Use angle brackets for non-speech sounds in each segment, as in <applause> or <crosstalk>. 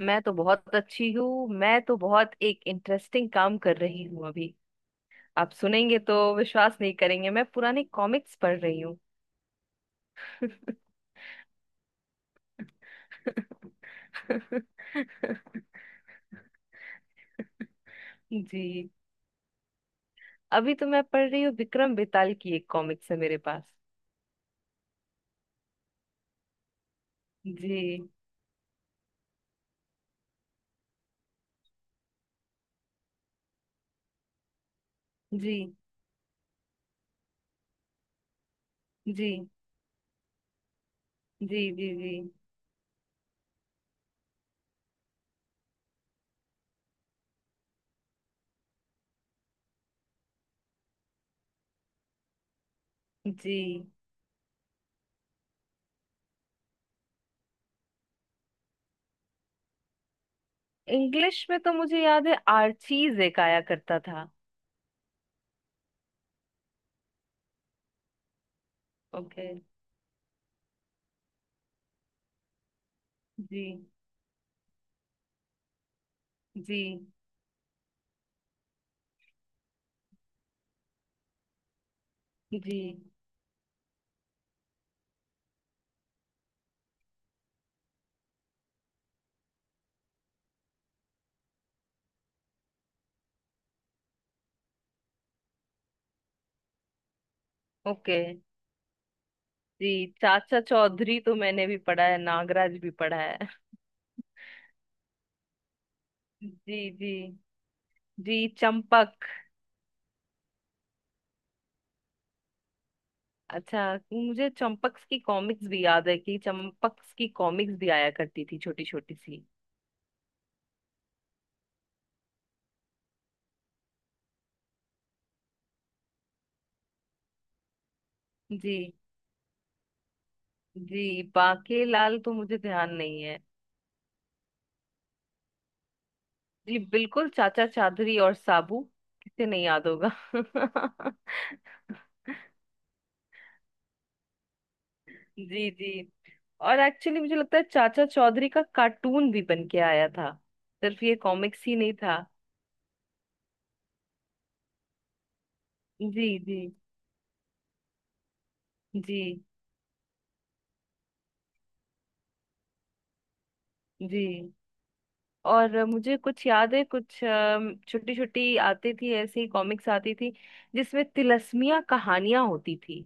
मैं तो बहुत अच्छी हूँ। मैं तो बहुत एक इंटरेस्टिंग काम कर रही हूँ अभी। आप सुनेंगे तो विश्वास नहीं करेंगे, मैं पुराने कॉमिक्स पढ़ रही हूँ। <laughs> जी, अभी तो मैं पढ़ रही हूँ, विक्रम बेताल की एक कॉमिक्स है मेरे पास। जी जी जी जी जी जी जी इंग्लिश में तो मुझे याद है, आर्चीज एक आया करता था। ओके। जी जी जी ओके। जी। चाचा चौधरी तो मैंने भी पढ़ा है, नागराज भी पढ़ा है। जी जी जी चंपक। अच्छा, मुझे चंपक्स की कॉमिक्स भी याद है, कि चंपक्स की कॉमिक्स भी आया करती थी छोटी छोटी सी। जी। जी बाके लाल तो मुझे ध्यान नहीं है। जी बिल्कुल, चाचा चादरी और साबू, किसे नहीं याद होगा। <laughs> जी जी और एक्चुअली मुझे लगता है चाचा चौधरी का कार्टून भी बन के आया था। सिर्फ ये कॉमिक्स ही नहीं था। जी जी जी। जी। और मुझे कुछ याद है, कुछ छोटी छोटी आती थी, ऐसी कॉमिक्स आती थी जिसमें तिलस्मिया कहानियां होती थी।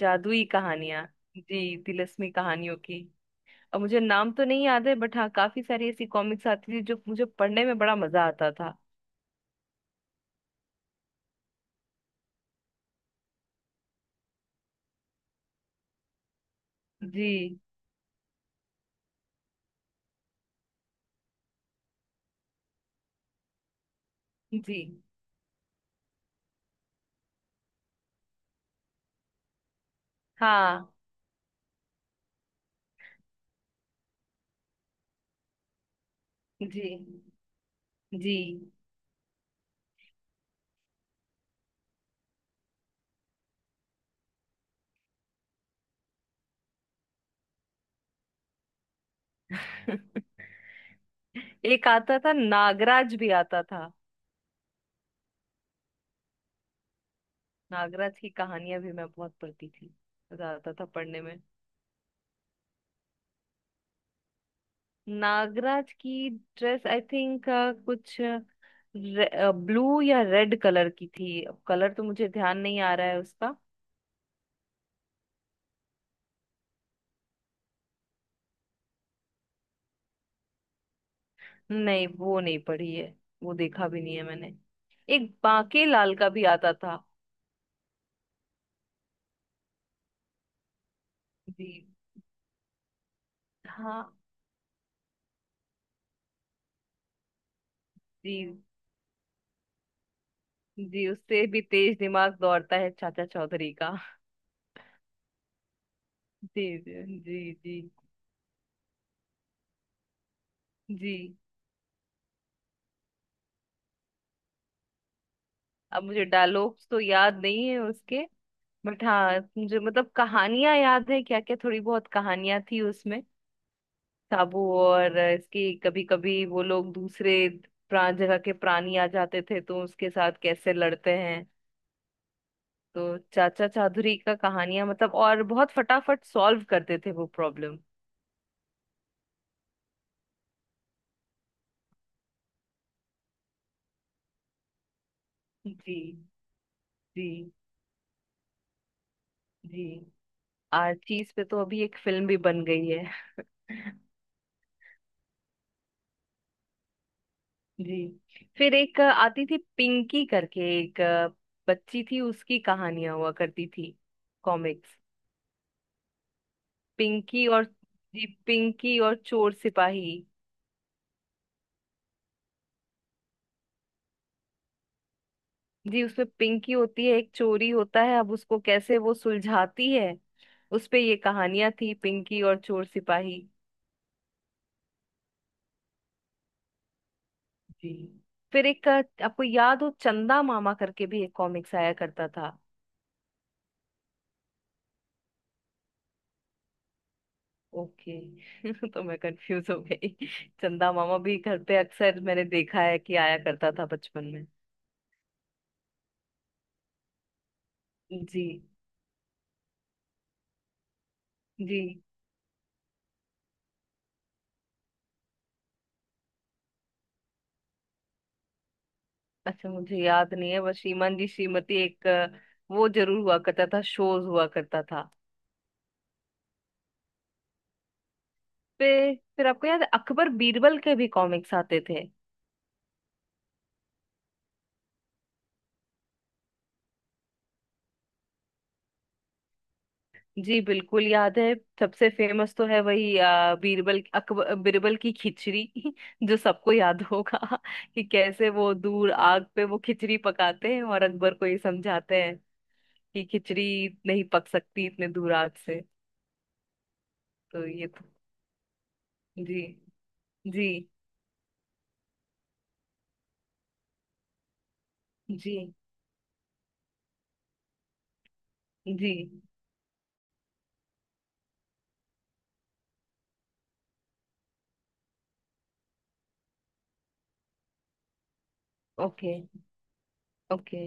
जादुई कहानियां। जी, तिलस्मी कहानियों की। अब मुझे नाम तो नहीं याद है, बट हाँ, काफी सारी ऐसी कॉमिक्स आती थी जो मुझे पढ़ने में बड़ा मजा आता था। जी जी हाँ। जी जी <laughs> एक आता था नागराज भी आता था। नागराज की कहानियां भी मैं बहुत पढ़ती थी। मजा आता था पढ़ने में। नागराज की ड्रेस आई थिंक कुछ ब्लू या रेड कलर की थी। कलर तो मुझे ध्यान नहीं आ रहा है उसका। नहीं, वो नहीं पढ़ी है। वो देखा भी नहीं है मैंने। एक बांके लाल का भी आता था। जी। हाँ। जी जी उससे भी तेज दिमाग दौड़ता है चाचा चौधरी का। जी जी जी जी जी। अब मुझे डायलॉग्स तो याद नहीं है उसके। बट हाँ, मुझे मतलब कहानियां याद है, क्या क्या थोड़ी बहुत कहानियां थी उसमें। साबू और इसकी, कभी कभी वो लोग दूसरे प्राण जगह के प्राणी आ जाते थे तो उसके साथ कैसे लड़ते हैं। तो चाचा चादुरी का कहानियां मतलब, और बहुत फटाफट सॉल्व करते थे वो प्रॉब्लम। जी जी जी आर्चीज पे तो अभी एक फिल्म भी बन गई है। जी। फिर एक आती थी पिंकी करके, एक बच्ची थी, उसकी कहानियां हुआ करती थी, कॉमिक्स। पिंकी और, जी पिंकी और चोर सिपाही। जी, उसमें पिंकी होती है, एक चोरी होता है, अब उसको कैसे वो सुलझाती है। उस पे ये कहानियां थी, पिंकी और चोर सिपाही। जी, फिर एक आपको याद हो चंदा मामा करके भी एक कॉमिक्स आया करता था। ओके। <laughs> तो मैं कंफ्यूज हो गई। चंदा मामा भी घर पे अक्सर मैंने देखा है कि आया करता था बचपन में। जी जी अच्छा, मुझे याद नहीं है, बस श्रीमान जी श्रीमती एक, वो जरूर हुआ करता था, शोज हुआ करता था। पे फिर आपको याद है अकबर बीरबल के भी कॉमिक्स आते थे। जी बिल्कुल याद है। सबसे फेमस तो है वही बीरबल अकबर बीरबल की खिचड़ी <laughs> जो सबको याद होगा। <laughs> कि कैसे वो दूर आग पे वो खिचड़ी पकाते हैं और अकबर को ये समझाते हैं कि खिचड़ी नहीं पक सकती इतने दूर आग से। तो ये तो, जी जी जी जी ओके। Okay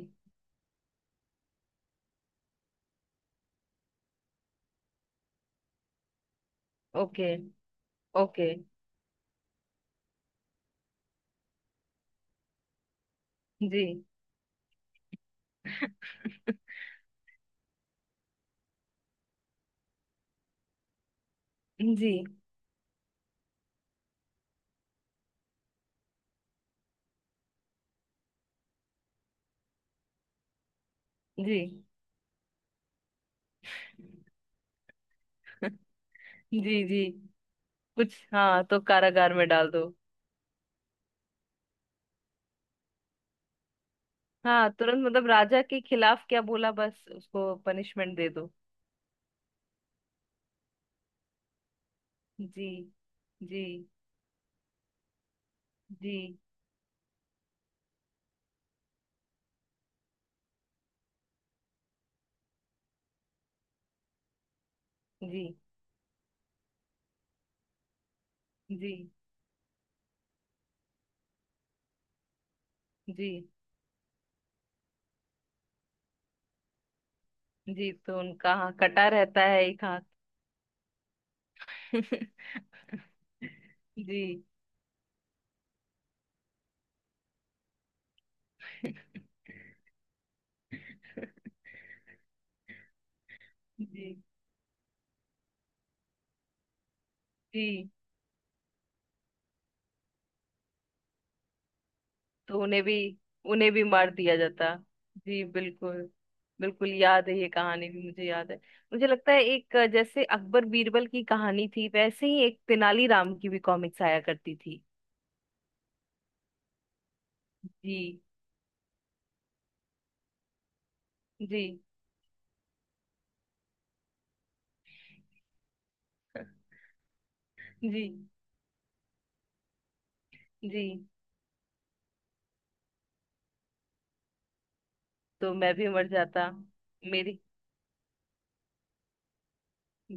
okay okay. जी। <laughs> जी जी <laughs> जी जी कुछ हाँ, तो कारागार में डाल दो। हाँ, तुरंत मतलब राजा के खिलाफ क्या बोला, बस उसको पनिशमेंट दे दो। जी जी जी जी जी जी जी तो उनका, हाँ, कटा रहता है एक हाथ। <laughs> जी। <laughs> जी जी तो उन्हें भी, उन्हें भी मार दिया जाता। जी बिल्कुल, बिल्कुल याद है, ये कहानी भी मुझे याद है। मुझे लगता है एक, जैसे अकबर बीरबल की कहानी थी वैसे ही एक तेनालीराम की भी कॉमिक्स आया करती थी। जी जी जी जी तो मैं भी मर जाता। मेरी,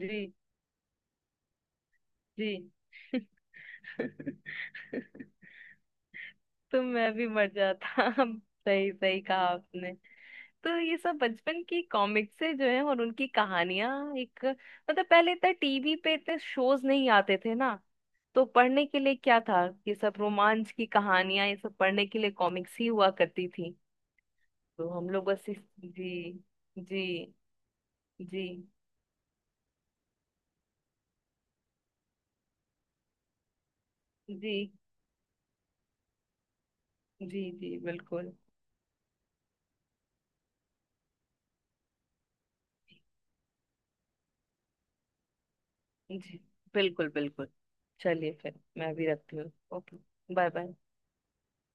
जी जी <laughs> तो मैं भी मर जाता। <laughs> सही सही कहा आपने। तो ये सब बचपन की कॉमिक्स से जो है, और उनकी कहानियां, एक मतलब पहले इतना टीवी पे इतने शोज नहीं आते थे ना, तो पढ़ने के लिए क्या था, ये सब रोमांच की कहानियां, ये सब पढ़ने के लिए कॉमिक्स ही हुआ करती थी। तो हम लोग बस इस, जी। जी जी जी जी। जी बिल्कुल। जी, बिल्कुल बिल्कुल चलिए, फिर मैं भी रखती हूँ। ओके। Bye bye.